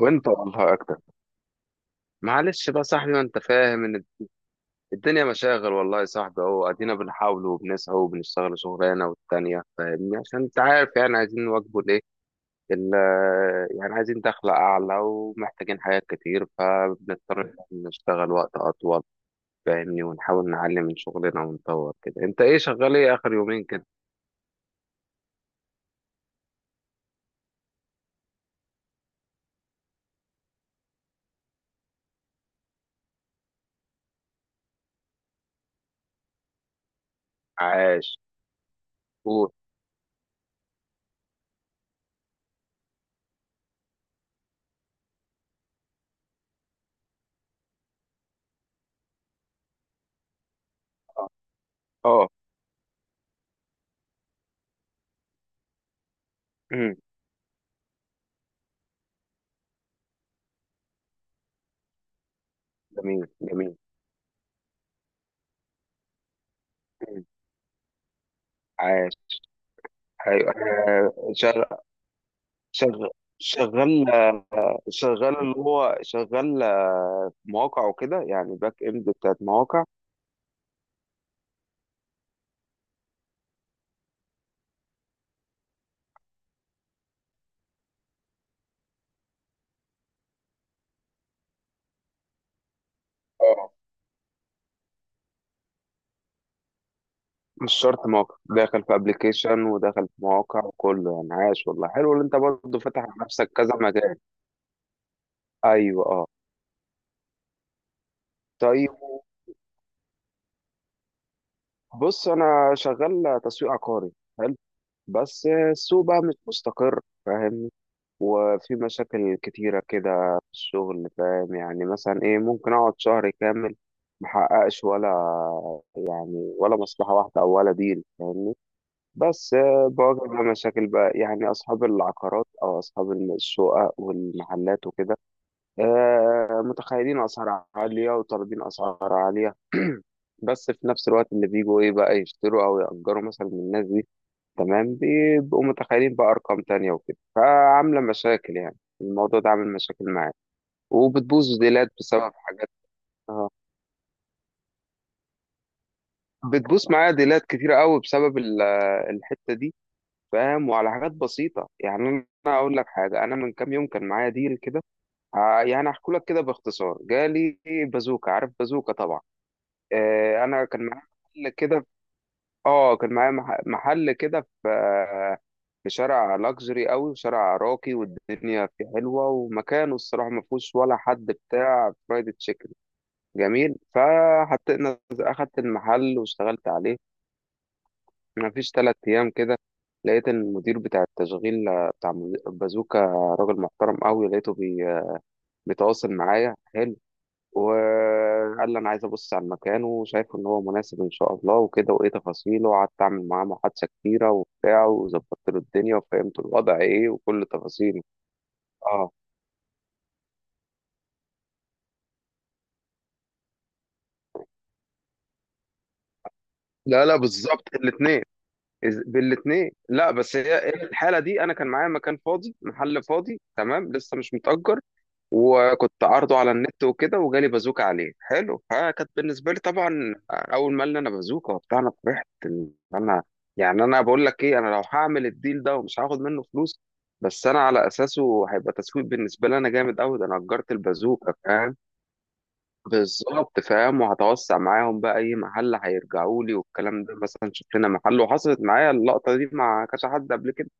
وانت والله اكتر. معلش بقى يا صاحبي، ما انت فاهم ان الدنيا مشاغل، والله يا صاحبي اهو ادينا بنحاول وبنسعى وبنشتغل شغلانه والتانيه، فاهمني عشان انت عارف، يعني عايزين نواكبوا الايه، ال- يعني عايزين دخل اعلى ومحتاجين حاجات كتير، فبنضطر إن إحنا نشتغل وقت اطول، فاهمني، ونحاول نعلي من شغلنا ونطور كده. انت ايه شغال، ايه اخر يومين كده؟ عاش. قول. اه. أمم. جميل جميل. أمم. عاش. ايوه شغال. شغال شغال شغال اللي هو شغال مواقع وكده، يعني باك اند بتاعت مواقع. اه، مش شرط مواقع، داخل في ابلكيشن وداخل في مواقع وكله، يعني عاش والله، حلو اللي انت برضه فاتح على نفسك كذا مجال. ايوه اه. طيب، بص انا شغال تسويق عقاري. حلو. بس السوق بقى مش مستقر، فاهمني، وفي مشاكل كتيرة كده في الشغل، فاهم، يعني مثلا ايه، ممكن اقعد شهر كامل محققش ولا ولا مصلحة واحدة أو ولا ديل، فاهمني. بس بواجه بقى مشاكل بقى، يعني أصحاب العقارات أو أصحاب الشقق والمحلات وكده متخيلين أسعار عالية وطالبين أسعار عالية بس في نفس الوقت اللي بيجوا ايه بقى يشتروا او يأجروا مثلا من الناس دي، تمام، بيبقوا متخيلين بقى ارقام تانية وكده، فعاملة مشاكل، يعني الموضوع ده عامل مشاكل معايا، وبتبوظ ديلات بسبب حاجات. اه، بتبوظ معايا ديلات كتيرة قوي بسبب الحتة دي، فاهم، وعلى حاجات بسيطة. يعني أنا أقول لك حاجة، أنا من كام يوم كان معايا ديل كده، يعني أحكي لك كده باختصار. جالي بازوكا، عارف بازوكا طبعا. أنا كان معايا محل كده، آه كان معايا محل كده في في شارع لاكجري قوي، شارع راقي والدنيا فيه حلوه، ومكانه الصراحه ما فيهوش ولا حد بتاع فرايد تشيكن. جميل، فحطينا اخدت المحل واشتغلت عليه. ما فيش ثلاث ايام كده لقيت إن المدير بتاع التشغيل، بتاع بازوكا، راجل محترم قوي، لقيته بيتواصل معايا حلو، وقال لي انا عايز ابص على المكان وشايف ان هو مناسب ان شاء الله وكده، وايه تفاصيله، وقعدت اعمل معاه محادثه كتيره وبتاع، وظبطت له الدنيا وفهمت الوضع ايه وكل تفاصيله. اه، لا لا، بالظبط الاثنين، بالاثنين. لا بس هي الحاله دي انا كان معايا مكان فاضي، محل فاضي تمام لسه مش متأجر، وكنت عارضه على النت وكده، وجالي بازوكة عليه، حلو. فكانت بالنسبة لي طبعا، أول ما قال لي أنا بازوكة وبتاع، أنا فرحت إن أنا، يعني أنا بقول لك إيه، أنا لو هعمل الديل ده ومش هاخد منه فلوس، بس أنا على أساسه هيبقى تسويق بالنسبة لي أنا جامد أوي، ده أنا أجرت البازوكة، فاهم. بالظبط، فاهم، وهتوسع معاهم بقى، أي محل هيرجعوا لي والكلام ده، مثلا شوف لنا محل، وحصلت معايا اللقطة دي مع كذا حد قبل كده،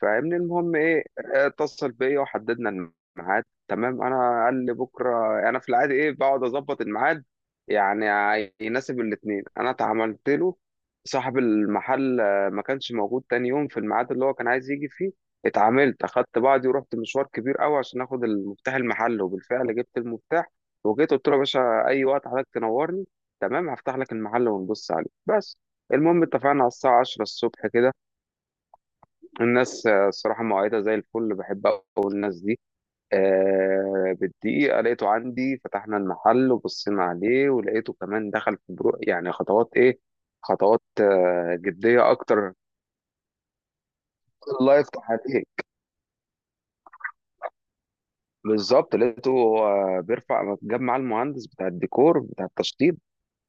فاهمني. المهم ايه، اتصل بيا وحددنا الميعاد تمام. انا قال لي بكره، انا في العادي ايه بقعد اظبط الميعاد يعني يناسب الاتنين. انا اتعاملت له. صاحب المحل ما كانش موجود تاني يوم في الميعاد اللي هو كان عايز يجي فيه. اتعاملت، اخدت بعضي ورحت مشوار كبير قوي عشان اخد المفتاح المحل، وبالفعل جبت المفتاح، وجيت قلت له يا باشا اي وقت حضرتك تنورني تمام، هفتح لك المحل ونبص عليه بس. المهم اتفقنا على الساعه 10 الصبح كده. الناس الصراحة مؤيدة زي الفل، بحب أوي الناس دي. آه، بالدقيقة لقيته عندي، فتحنا المحل وبصينا عليه، ولقيته كمان دخل في برو، يعني خطوات إيه، خطوات آه جدية أكتر، لايف عليه. بالظبط، لقيته هو بيرفع، جاب معاه المهندس بتاع الديكور بتاع التشطيب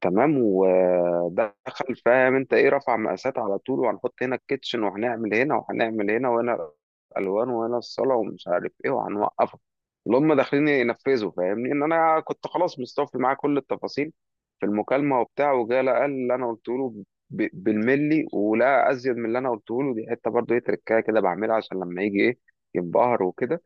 تمام، ودخل فاهم انت ايه، رفع مقاسات على طول، وهنحط هنا الكيتشن وهنعمل هنا وهنعمل هنا، وهنا الالوان وهنا الصاله ومش عارف ايه، وهنوقفه، اللي هم داخلين ينفذوا. فاهمني ان انا كنت خلاص مستوفي معاه كل التفاصيل في المكالمه وبتاع، وجا لقى اللي انا قلت له بالملي، ولا ازيد من اللي انا قلته له. دي حته برضه ايه، تركايه كده بعملها عشان لما يجي ايه ينبهر وكده.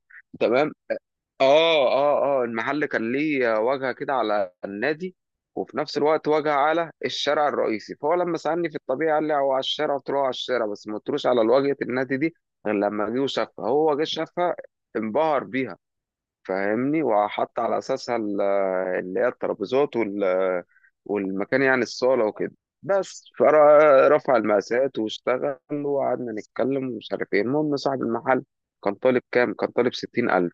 اه، المحل كان ليه واجهه كده على النادي، وفي نفس الوقت واجهه على الشارع الرئيسي، فهو لما سالني في الطبيعي قال لي هو على الشارع، قلت له هو على الشارع، بس ما قلتلوش على واجهه النادي دي غير لما جه وشافها. هو جه شافها، انبهر بيها، فاهمني، وحط على اساسها اللي هي الترابيزات وال والمكان، يعني الصاله وكده بس، فرفع المقاسات واشتغل، وقعدنا نتكلم ومش عارف ايه. المهم صاحب المحل كان طالب كام، كان طالب 60,000.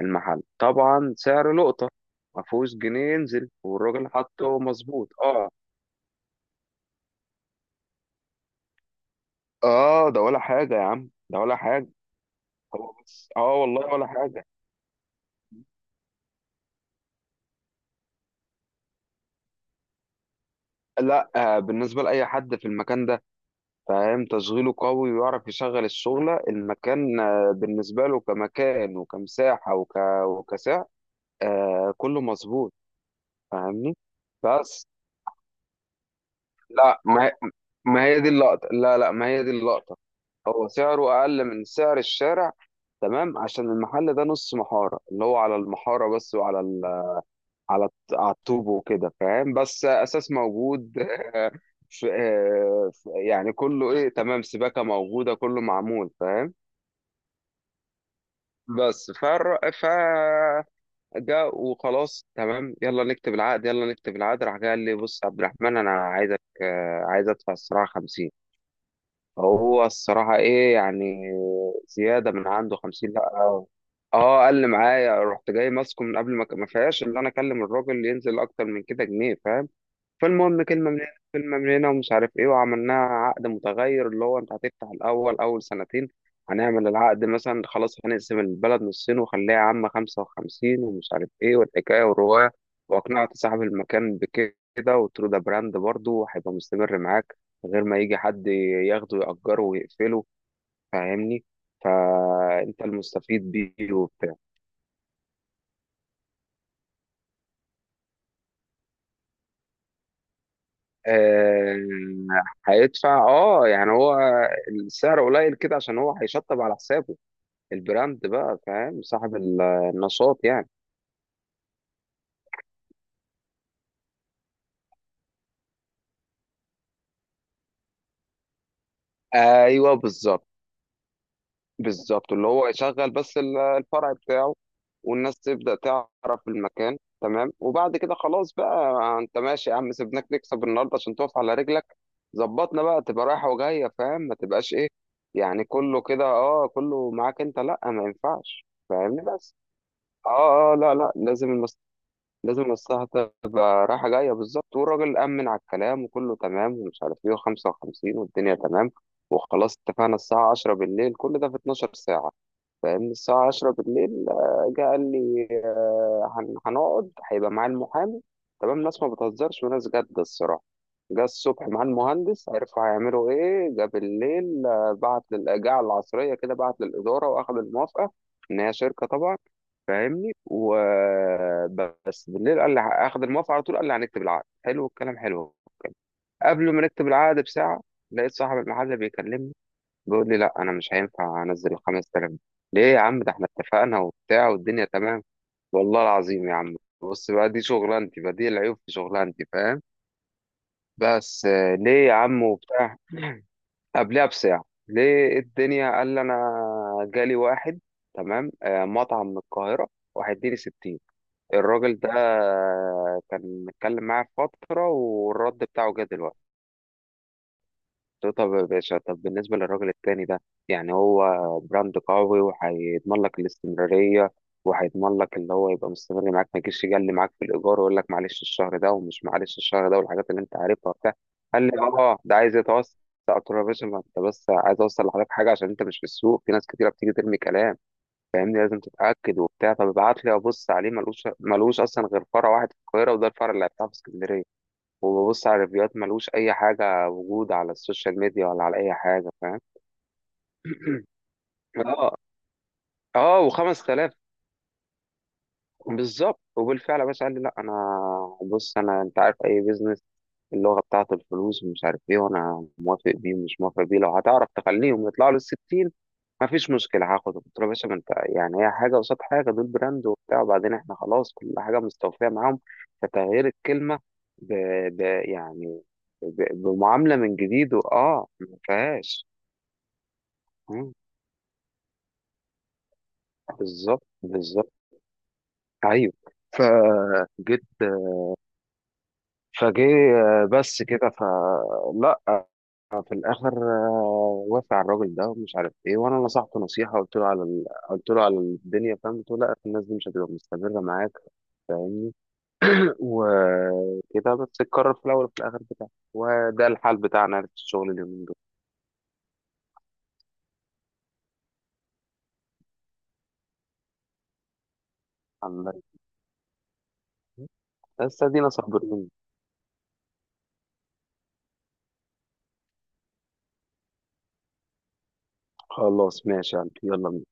المحل طبعا سعر لقطة، ما فيهوش جنيه ينزل، والراجل حطه مظبوط اه. اه ده ولا حاجة يا عم، ده ولا حاجة. هو بس اه والله ولا حاجة. لا آه، بالنسبة لأي حد في المكان ده، فاهم، تشغيله قوي ويعرف يشغل الشغلة، المكان آه بالنسبة له كمكان وكمساحة وكسعر آه، كله مظبوط، فاهمني. بس، لا ما هي، ما هي دي اللقطة، لا لا ما هي دي اللقطة. هو سعره أقل من سعر الشارع، تمام، عشان المحل ده نص محارة، اللي هو على المحارة بس وعلى على على الطوب وكده فاهم، بس أساس موجود. في... يعني كله إيه تمام، سباكة موجودة، كله معمول، فاهم. بس فر... ف جاء وخلاص تمام، يلا نكتب العقد يلا نكتب العقد. راح جاي قال لي بص يا عبد الرحمن أنا عايزك، عايز أدفع الصراحة 50. هو الصراحة إيه يعني، زيادة من عنده 50، لأ اه. قال لي معايا. رحت جاي ماسكه من قبل، ما فيهاش اللي انا اكلم الراجل ينزل اكتر من كده جنيه، فاهم. فالمهم كلمة من هنا كلمة من هنا ومش عارف ايه، وعملناها عقد متغير اللي هو انت هتفتح الأول أول سنتين، هنعمل العقد مثلا خلاص، هنقسم البلد نصين، وخليها عامة خمسة وخمسين ومش عارف ايه، والحكاية والرواية. وأقنعت صاحب المكان بكده، وقلت له ده براند برضه وهيبقى مستمر معاك، من غير ما يجي حد ياخده يأجره ويقفله، فاهمني، فأنت المستفيد بيه وبتاع. آه، هيدفع اه، يعني هو السعر قليل كده عشان هو هيشطب على حسابه البراند بقى، فاهم، صاحب النشاط يعني. ايوه بالظبط، اللي هو يشغل بس الفرع بتاعه، والناس تبدأ تعرف المكان تمام، وبعد كده خلاص بقى، انت ماشي يا عم، سيبناك نكسب النهارده عشان تقف على رجلك، ظبطنا بقى تبقى رايحة وجاية، فاهم، ما تبقاش ايه، يعني كله كده اه كله معاك انت، لا ما ينفعش، فاهمني. بس اه اه، لا لا لازم لازم المصلحة تبقى رايحة جاية، بالظبط. والراجل أمن على الكلام وكله تمام ومش عارف ايه، وخمسة وخمسين والدنيا تمام، وخلاص اتفقنا الساعة عشرة بالليل. كل ده في اتناشر ساعة، فاهمني. الساعة عشرة بالليل جه قال لي هنقعد هيبقى معاه المحامي تمام، ناس ما بتهزرش وناس جد الصراحة. جه الصبح مع المهندس عرفوا هيعملوا ايه، جه بالليل جه على العصرية كده بعت للإدارة وأخد الموافقة، إن هي شركة طبعا، فاهمني. وبس بالليل قال لي اخد الموافقه على طول، قال لي هنكتب العقد، حلو الكلام حلو. قبل ما نكتب العقد بساعه، لقيت صاحب المحل بيكلمني، بيقول لي لا انا مش هينفع انزل ال 5,000 دي. ليه يا عم، ده احنا اتفقنا وبتاع والدنيا تمام. والله العظيم يا عم، بص بقى دي شغلانتي بقى، دي العيوب في شغلانتي، فاهم. بس ليه يا عم وبتاع؟ قبلها بساعه، ليه؟ إيه الدنيا؟ قال لي انا جالي واحد تمام مطعم من القاهره، وهيديني 60. الراجل ده كان متكلم معاه فترة، والرد بتاعه جه دلوقتي. قلت له طب يا باشا، طب بالنسبة للراجل التاني ده، يعني هو براند قوي وهيضمن لك الاستمرارية، وهيضمن لك اللي هو يبقى مستمر معاك، ما يجيش يجلي معاك في الإيجار ويقول لك معلش الشهر ده ومش معلش الشهر ده والحاجات اللي أنت عارفها وبتاع. قال لي اه ده عايز يتوسع. قلت له يا باشا، ما أنت بس عايز أوصل لحضرتك حاجة، عشان أنت مش في السوق، في ناس كتيرة بتيجي ترمي كلام، فاهمني، لازم تتأكد وبتاع. فببعت لي أبص عليه، ملوش، ملوش أصلا غير فرع واحد في القاهرة، وده الفرع اللي هيفتحه في اسكندرية، وببص على الريفيوهات ملوش أي حاجة وجود على السوشيال ميديا ولا على أي حاجة، فاهم. اه اه، وخمس تلاف، بالظبط. وبالفعل يا باشا قال لي لا أنا بص، أنا أنت عارف أي بيزنس اللغة بتاعته الفلوس ومش عارف إيه، وأنا موافق بيه ومش موافق بيه، لو هتعرف تخليهم يطلعوا للستين ما فيش مشكلة هاخده. قلت له يا باشا، ما انت يعني هي حاجة قصاد حاجة، دول براند وبتاع، وبعدين احنا خلاص كل حاجة مستوفية معاهم، فتغيير الكلمة ب... ب... يعني بمعاملة من جديد، واه ما فيهاش. مم، بالظبط. ايوه، فجيت، فجه بس كده، فلا، في الاخر وافق على الراجل ده ومش عارف ايه، وانا نصحته نصيحه، قلت له على قلت له على الدنيا، فاهم، قلت له لا الناس دي مش هتبقى مستمره معاك وكده، بس القرار في الأول وفي الآخر بتاعنا، وده الحال بتاعنا في الشغل اليومين دول. الحمد لله، بس أدينا صابرين. خلاص ماشي يا قلبي، يلا.